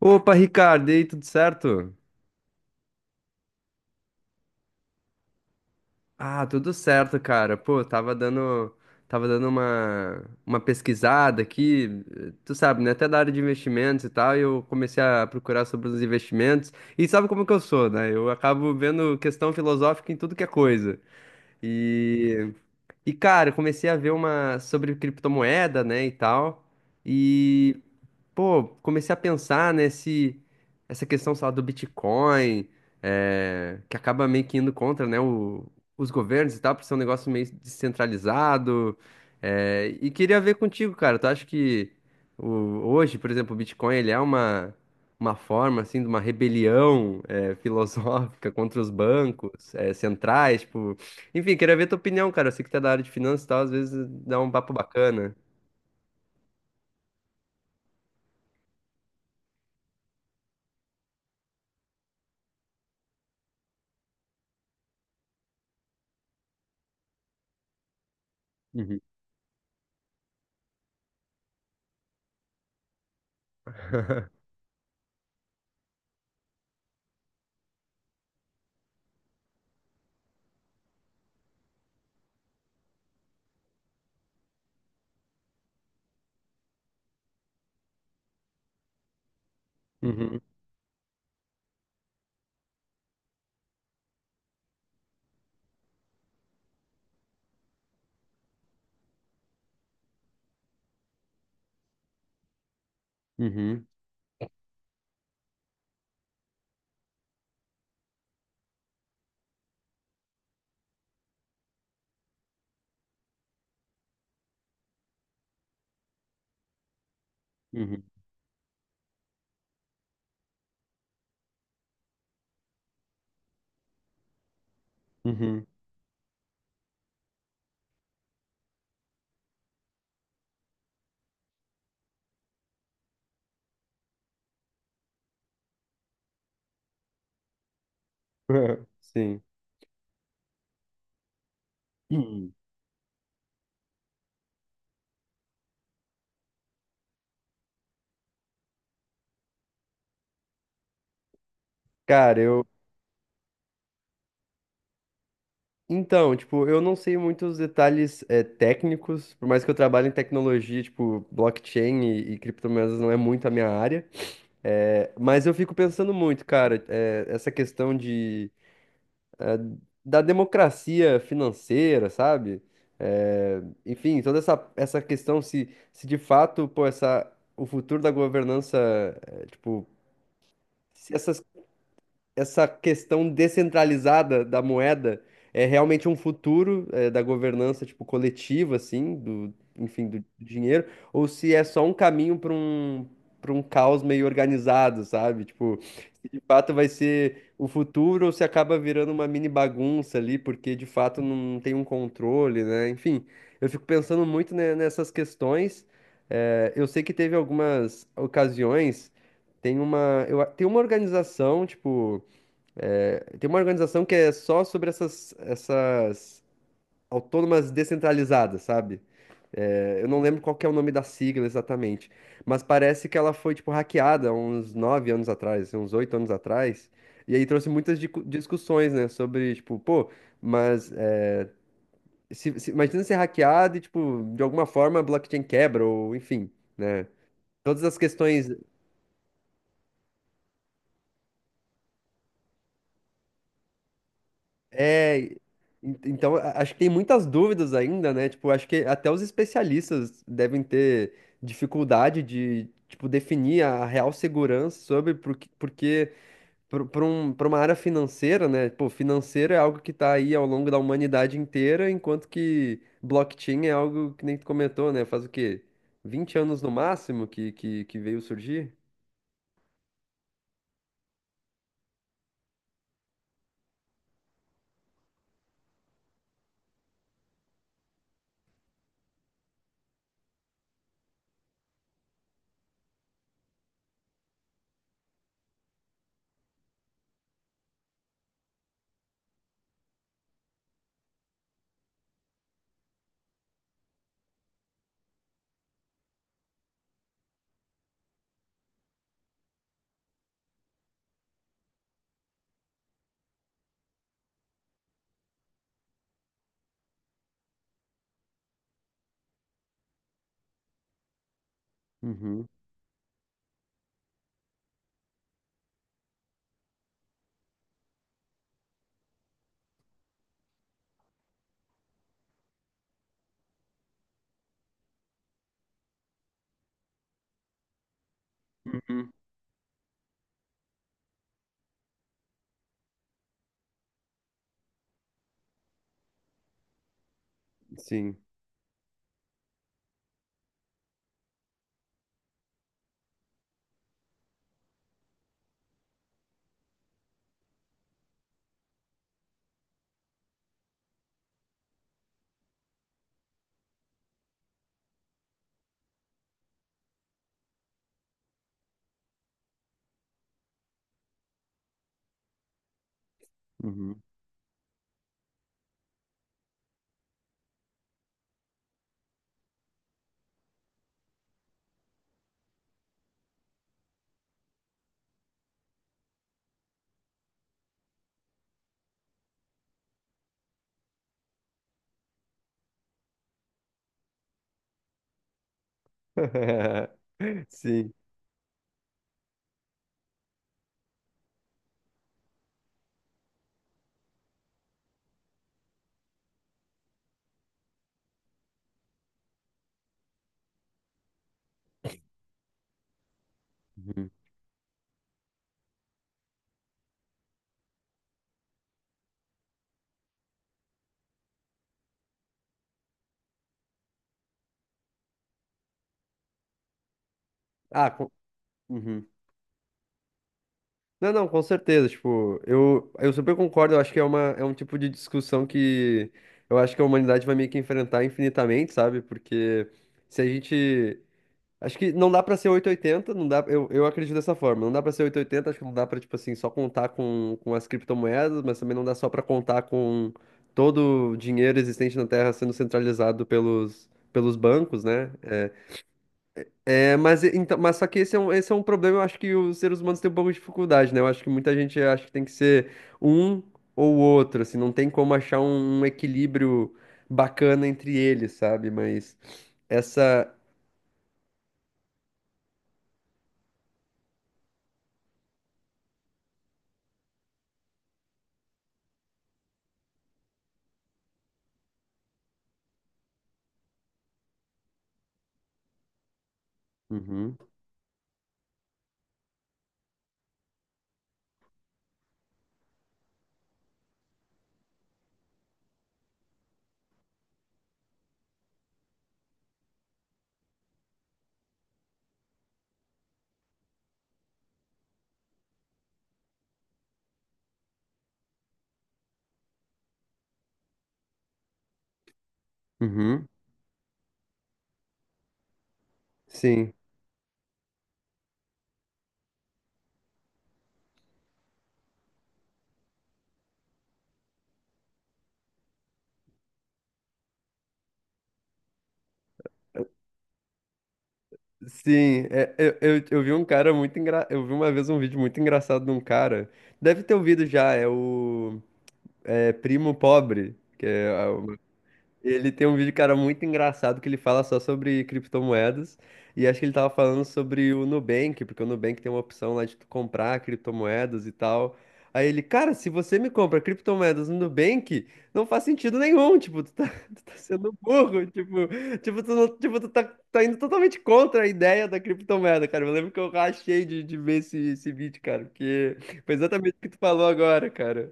Opa, Ricardo, e aí, tudo certo? Ah, tudo certo, cara. Pô, tava dando uma pesquisada aqui, tu sabe, né? Até da área de investimentos e tal, e eu comecei a procurar sobre os investimentos. E sabe como que eu sou, né? Eu acabo vendo questão filosófica em tudo que é coisa. E, e cara, eu comecei a ver uma sobre criptomoeda, né, e tal. E Pô, comecei a pensar, né, se essa questão, sei lá, do Bitcoin, que acaba meio que indo contra, né, os governos e tal, por ser um negócio meio descentralizado. Eh, e queria ver contigo, cara, tu acha que o- hoje, por exemplo, o Bitcoin, ele é uma forma, assim, de uma rebelião, filosófica contra os bancos, centrais, tipo. Enfim, queria ver tua opinião, cara. Eu sei que tu é da área de finanças e tal, às vezes dá um papo bacana. Uhum. Uhum, uhum, uhum. Uhum. Sim. Hum. Cara, eu. Então, tipo, eu não sei muitos detalhes técnicos, por mais que eu trabalhe em tecnologia, tipo, blockchain e criptomoedas não é muito a minha área. Mas eu fico pensando muito, cara, essa questão de, eh, da democracia financeira, sabe? Eh, Enfim, toda essa questão, se de fato, pô, o futuro da governança, tipo, se essa questão descentralizada da moeda é realmente um futuro, da governança tipo coletiva, assim, do, enfim, do dinheiro, ou se é só um caminho para um caos meio organizado, sabe? Tipo, se de fato vai ser o futuro ou se acaba virando uma mini bagunça ali, porque de fato não tem um controle, né, enfim. Eu fico pensando muito nessas questões. Eu sei que teve algumas ocasiões. Tem uma, tem uma organização tipo. Tem uma organização que é só sobre essas autônomas descentralizadas, sabe? É, eu não lembro qual que é o nome da sigla exatamente, mas parece que ela foi, tipo, hackeada uns 9 anos atrás, assim, uns 8 anos atrás, e aí trouxe muitas discussões, né, sobre, tipo, pô, mas é, imagina ser hackeado e, tipo, de alguma forma a blockchain quebra, ou enfim, né? Todas as questões. É, então acho que tem muitas dúvidas ainda, né? Tipo, acho que até os especialistas devem ter dificuldade de, tipo, definir a real segurança sobre porque, para uma área financeira, né? Pô, financeiro é algo que tá aí ao longo da humanidade inteira, enquanto que blockchain é algo que nem tu comentou, né? Faz o quê? 20 anos no máximo que veio surgir? Uhum. Uhum. Sim. Uhum. Sim. Uhum. Ah, Uhum. Não, não, com certeza. Tipo, eu super concordo. Eu acho que é um tipo de discussão que eu acho que a humanidade vai meio que enfrentar infinitamente, sabe? Porque se a gente. Acho que não dá pra ser oitocentos e oitenta, não dá. Eu acredito dessa forma. Não dá pra ser oitocentos e oitenta, acho que não dá pra, tipo assim, só contar com as criptomoedas, mas também não dá só pra contar com todo o dinheiro existente na Terra sendo centralizado pelos bancos, né? É, mas, então, mas só que esse é esse é um problema, eu acho que os seres humanos têm um pouco de dificuldade, né? Eu acho que muita gente acha que tem que ser um ou outro, assim, não tem como achar um equilíbrio bacana entre eles, sabe? Mas essa. Uhum, uhum, sim. Sim, é, Eu vi uma vez um vídeo muito engraçado de um cara. Deve ter ouvido já, é o Primo Pobre, que é. Ele tem um vídeo, cara, muito engraçado que ele fala só sobre criptomoedas. E acho que ele tava falando sobre o Nubank, porque o Nubank tem uma opção lá de tu comprar criptomoedas e tal. Aí ele, cara, se você me compra criptomoedas no Nubank, não faz sentido nenhum. Tipo, tu tá, tu tá sendo burro. Tipo, tu, não- tipo, tá indo totalmente contra a ideia da criptomoeda, cara. Eu lembro que eu rachei de ver esse vídeo, cara, porque foi exatamente o que tu falou agora, cara.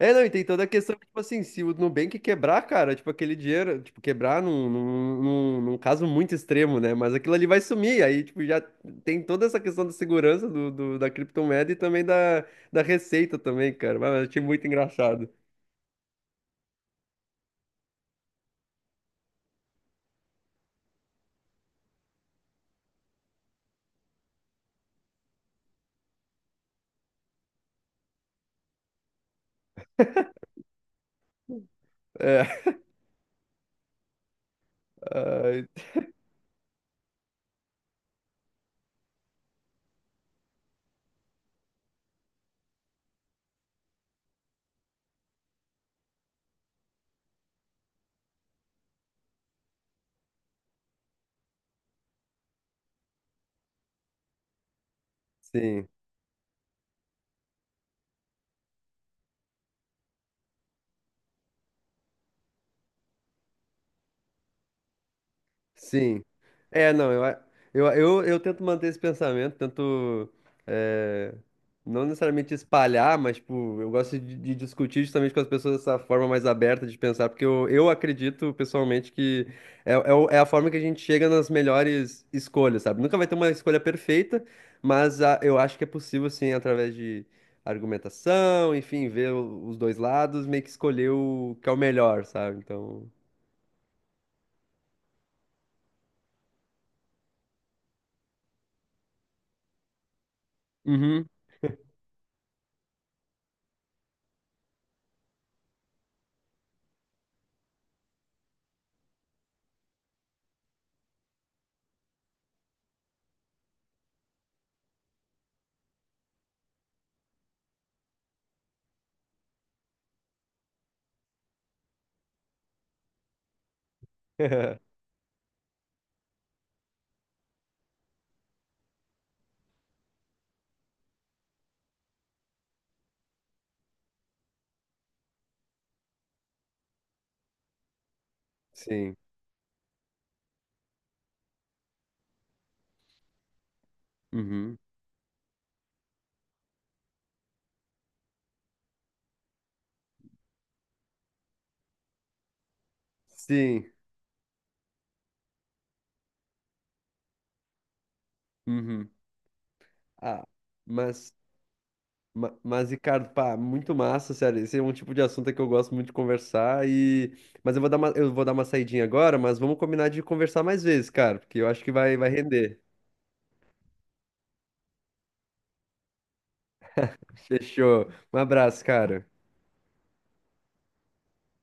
É, não, e tem toda a questão, tipo assim, se o Nubank quebrar, cara, tipo, aquele dinheiro, tipo, quebrar num caso muito extremo, né? Mas aquilo ali vai sumir, aí, tipo, já tem toda essa questão da segurança da criptomoeda e também da receita também, cara. Mas eu achei muito engraçado. É, ai, sim. Sim. É, não, eu tento manter esse pensamento, tento, é, não necessariamente espalhar, mas tipo, eu gosto de discutir justamente com as pessoas essa forma mais aberta de pensar, porque eu acredito pessoalmente que é a forma que a gente chega nas melhores escolhas, sabe? Nunca vai ter uma escolha perfeita, mas eu acho que é possível, sim, através de argumentação, enfim, ver os dois lados, meio que escolher o que é o melhor, sabe? Então. Uhum. Sim. Uhum. Sim. Uhum. Ah, mas, mas, Ricardo, pá, muito massa, sério. Esse é um tipo de assunto que eu gosto muito de conversar e. Mas eu vou dar uma saidinha agora, mas vamos combinar de conversar mais vezes, cara, porque eu acho que vai render. Fechou. Um abraço, cara.